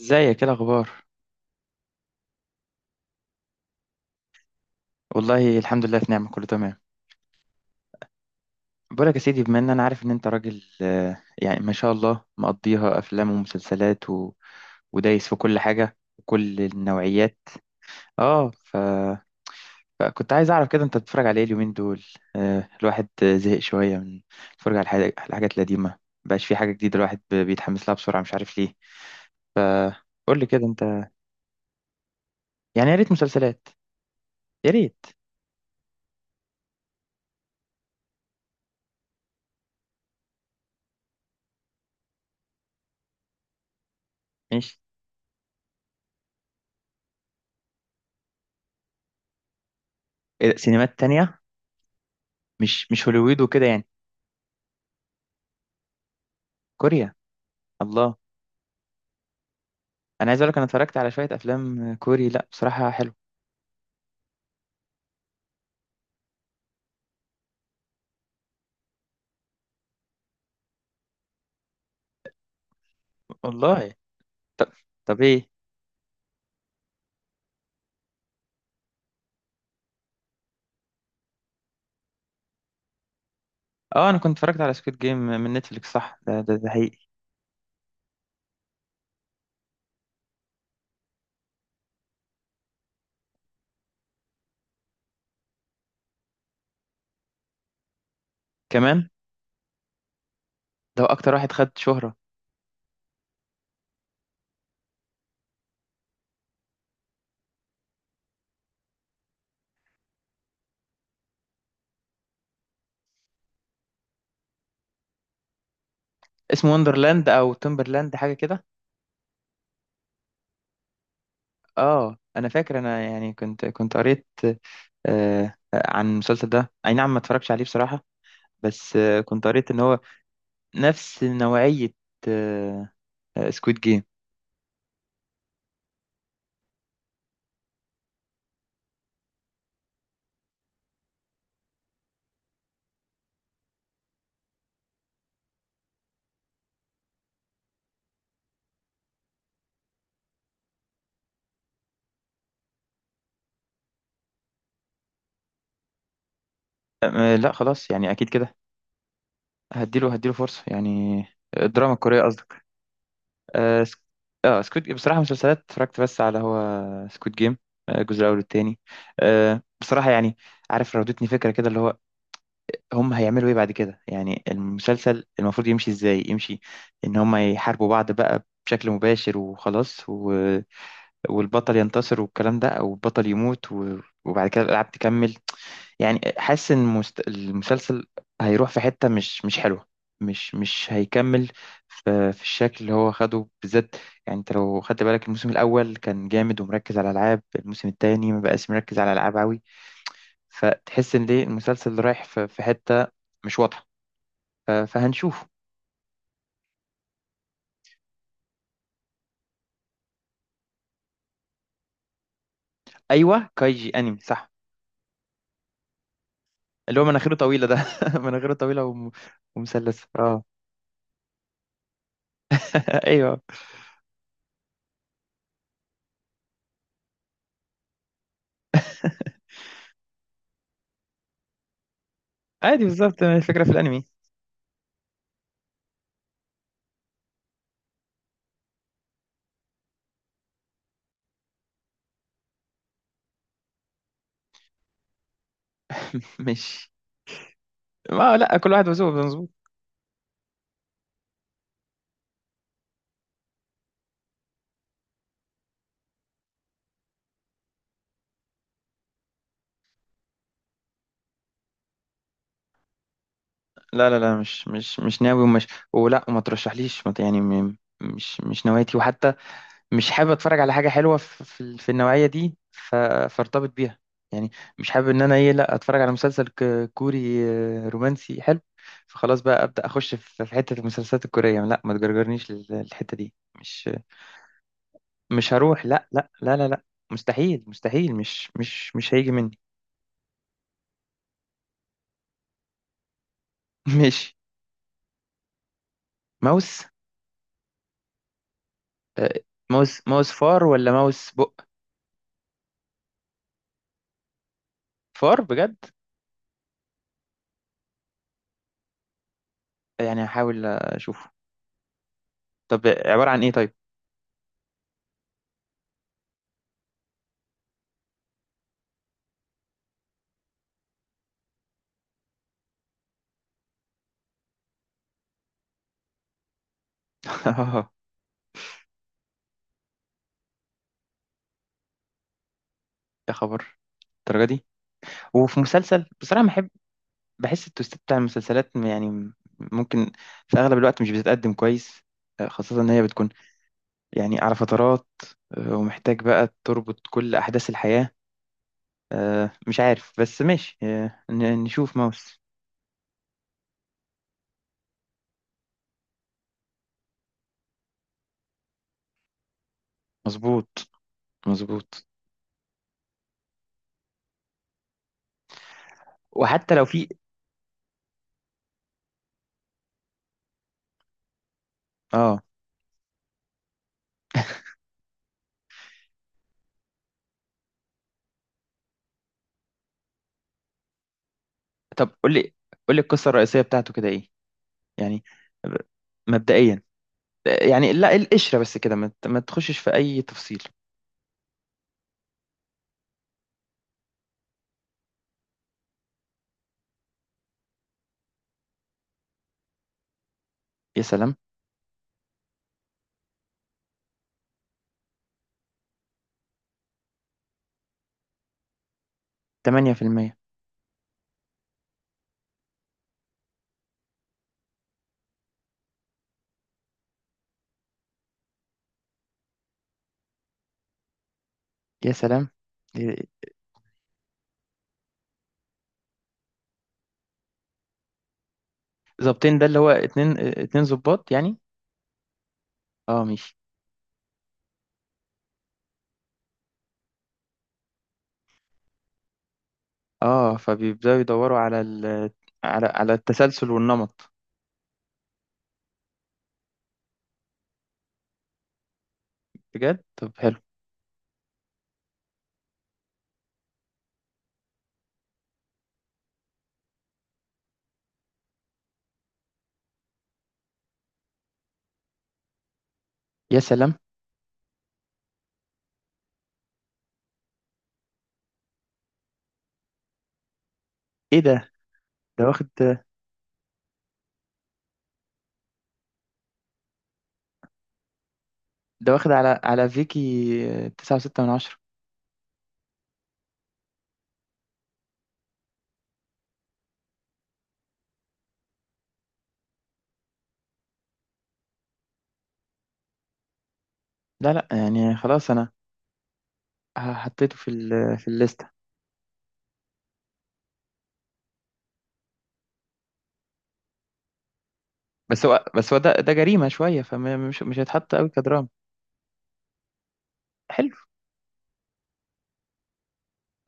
ازيك؟ ايه الاخبار؟ والله الحمد لله في نعمه كله تمام. بقولك يا سيدي، بما ان انا عارف ان انت راجل يعني ما شاء الله مقضيها افلام ومسلسلات و... ودايس في كل حاجه وكل النوعيات. اه ف... فكنت عايز اعرف كده انت بتتفرج على ايه اليومين دول؟ الواحد زهق شويه من الفرجه على الحاجات على الحاجات القديمه. مبقاش في حاجه جديده الواحد بيتحمس لها بسرعه، مش عارف ليه. قول لي كده انت. يعني يا ريت مسلسلات، يا ريت. ماشي. إيه ده، سينمات تانية؟ مش هوليوود وكده يعني؟ كوريا. الله. انا عايز اقول لك انا اتفرجت على شويه افلام كوري، لا بصراحه حلو. والله. طب. طب ايه؟ اه، انا كنت اتفرجت على سكويد جيم من نتفليكس، صح. ده حقيقي. كمان. ده هو اكتر واحد خد شهرة. اسمه وندرلاند او تومبرلاند حاجة كده. اه، انا فاكر انا يعني كنت قريت آه عن المسلسل ده، اي نعم ما اتفرجش عليه بصراحة. بس آه كنت قريت ان هو نفس نوعية آه سكويد جيم. آه Squid Game. آه، لا خلاص يعني اكيد كده. هديله فرصة يعني، الدراما الكورية قصدي. اه سك- آه، سكوت جيم، بصراحة مسلسلات اتفرجت بس على هو سكوت جيم، آه، الجزء الأول والتاني. آه، بصراحة يعني، عارف، راودتني فكرة كده اللي هو هم هيعملوا ايه بعد كده؟ يعني المسلسل المفروض يمشي ازاي؟ يمشي ان هم يحاربوا بعض بقى بشكل مباشر وخلاص و... والبطل ينتصر والكلام ده، او البطل يموت و... وبعد كده الألعاب تكمل. يعني حاسس ان المسلسل هيروح في حتة مش حلوة، مش هيكمل في, في الشكل اللي هو خده بالذات. يعني انت لو خدت بالك، الموسم الاول كان جامد ومركز على العاب، الموسم التاني ما بقاش مركز على العاب قوي. فتحس ان ليه المسلسل رايح في, في حتة مش واضحة. فهنشوف. ايوه كايجي انمي صح. اللي هو مناخيره طويلة ده. مناخيره طويلة ومثلثة اه. ايوه، عادي بالظبط الفكرة في الانمي. مش. ما لا، كل واحد وذوقه، مظبوط. لا لا لا، مش ناوي ومش. ولا، وما ترشحليش ما ت- يعني مش نوايتي. وحتى مش حابب اتفرج على حاجه حلوه في في في النوعيه دي فارتبط بيها يعني. مش حابب ان انا ايه لا اتفرج على مسلسل كوري آه، رومانسي حلو، فخلاص بقى ابدا اخش في في حته المسلسلات الكوريه. لا ما تجرجرنيش للحته دي. مش مش هروح، لا لا لا لا لا. مستحيل مستحيل، مش هيجي مني. ماشي. ماوس. آه، ماوس. ماوس فار ولا ماوس بق؟ فار بجد. يعني هحاول اشوفه. طب عبارة عن ايه طيب؟ يا خبر، الدرجة دي. وفي مسلسل بصراحة بحب، بحس التوست بتاع المسلسلات يعني ممكن في اغلب الوقت مش بتتقدم كويس، آه، خاصة ان هي بتكون يعني على فترات، آه، ومحتاج بقى تربط كل احداث الحياة. آه، مش عارف بس ماشي، آه، نشوف ماوس. مظبوط، مظبوط. وحتى لو في. اه. طب قول لي، قول لي القصة الرئيسية بتاعته كده ايه يعني؟ ب- مبدئيا يعني، لا القشرة بس كده، ما تخشش في أي تفصيل. يا سلام. 8%. يا سلام. إيه، ظابطين ده اللي هو اتنين، اه، اتنين ظباط يعني؟ اه ماشي. اه، فبيبدأوا يدوروا على ال، على على التسلسل والنمط. بجد؟ طب حلو. يا سلام. ايه ده؟ ده واخد. ده واخد على على فيكي 9.6 من 10. لا لا يعني خلاص أنا حطيته في ال، في الليستة. بس هو بس هو ده، ده جريمة شوية، فمش مش هيتحط قوي كدراما. حلو.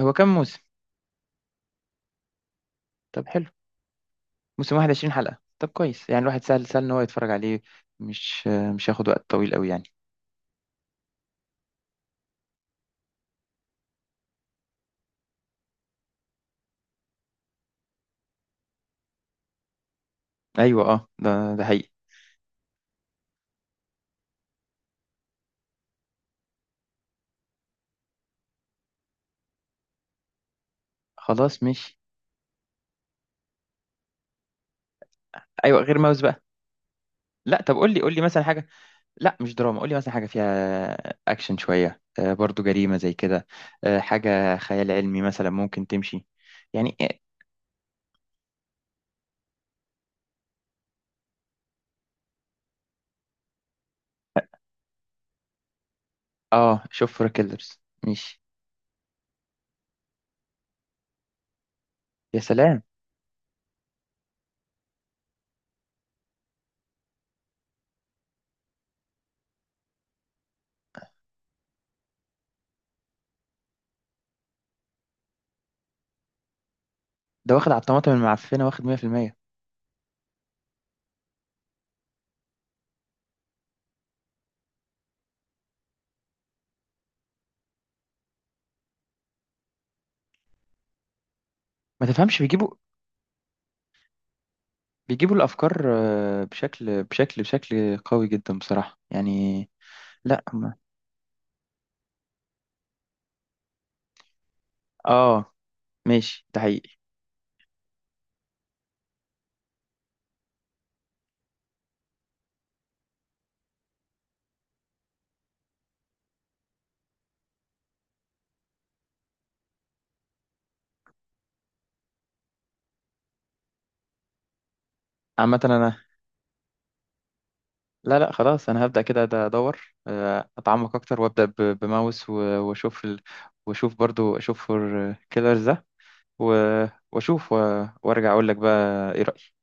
هو كام موسم؟ طب حلو، موسم واحد 20 حلقة، طب كويس، يعني الواحد سهل، سهل ان هو يتفرج عليه، مش هياخد وقت طويل قوي يعني. ايوه اه، ده حقيقي. خلاص ماشي. ايوه، غير ماوس بقى، لا طب قول لي، قول لي مثلا حاجة. لا مش دراما، قول لي مثلا حاجة فيها اكشن شوية آه برضو جريمة زي كده، آه حاجة خيال علمي مثلا ممكن تمشي يعني. اه. آه، شوف فور كيلرز. ماشي. يا سلام. ده واخد على الطماطم المعفنة واخد 100%. ما تفهمش، بيجيبوا. بيجيبوا الافكار آه، بشكل بشكل قوي جدا بصراحة يعني. لا ما. اه ماشي، ده حقيقي. عامة انا. لا لا خلاص، انا هبدأ كده، ده ادور آه، اتعمق اكتر وابدأ بماوس و... واشوف ال... واشوف برضو اشوف فور كيلرز ده و... واشوف و... وارجع اقول لك بقى ايه رأيي.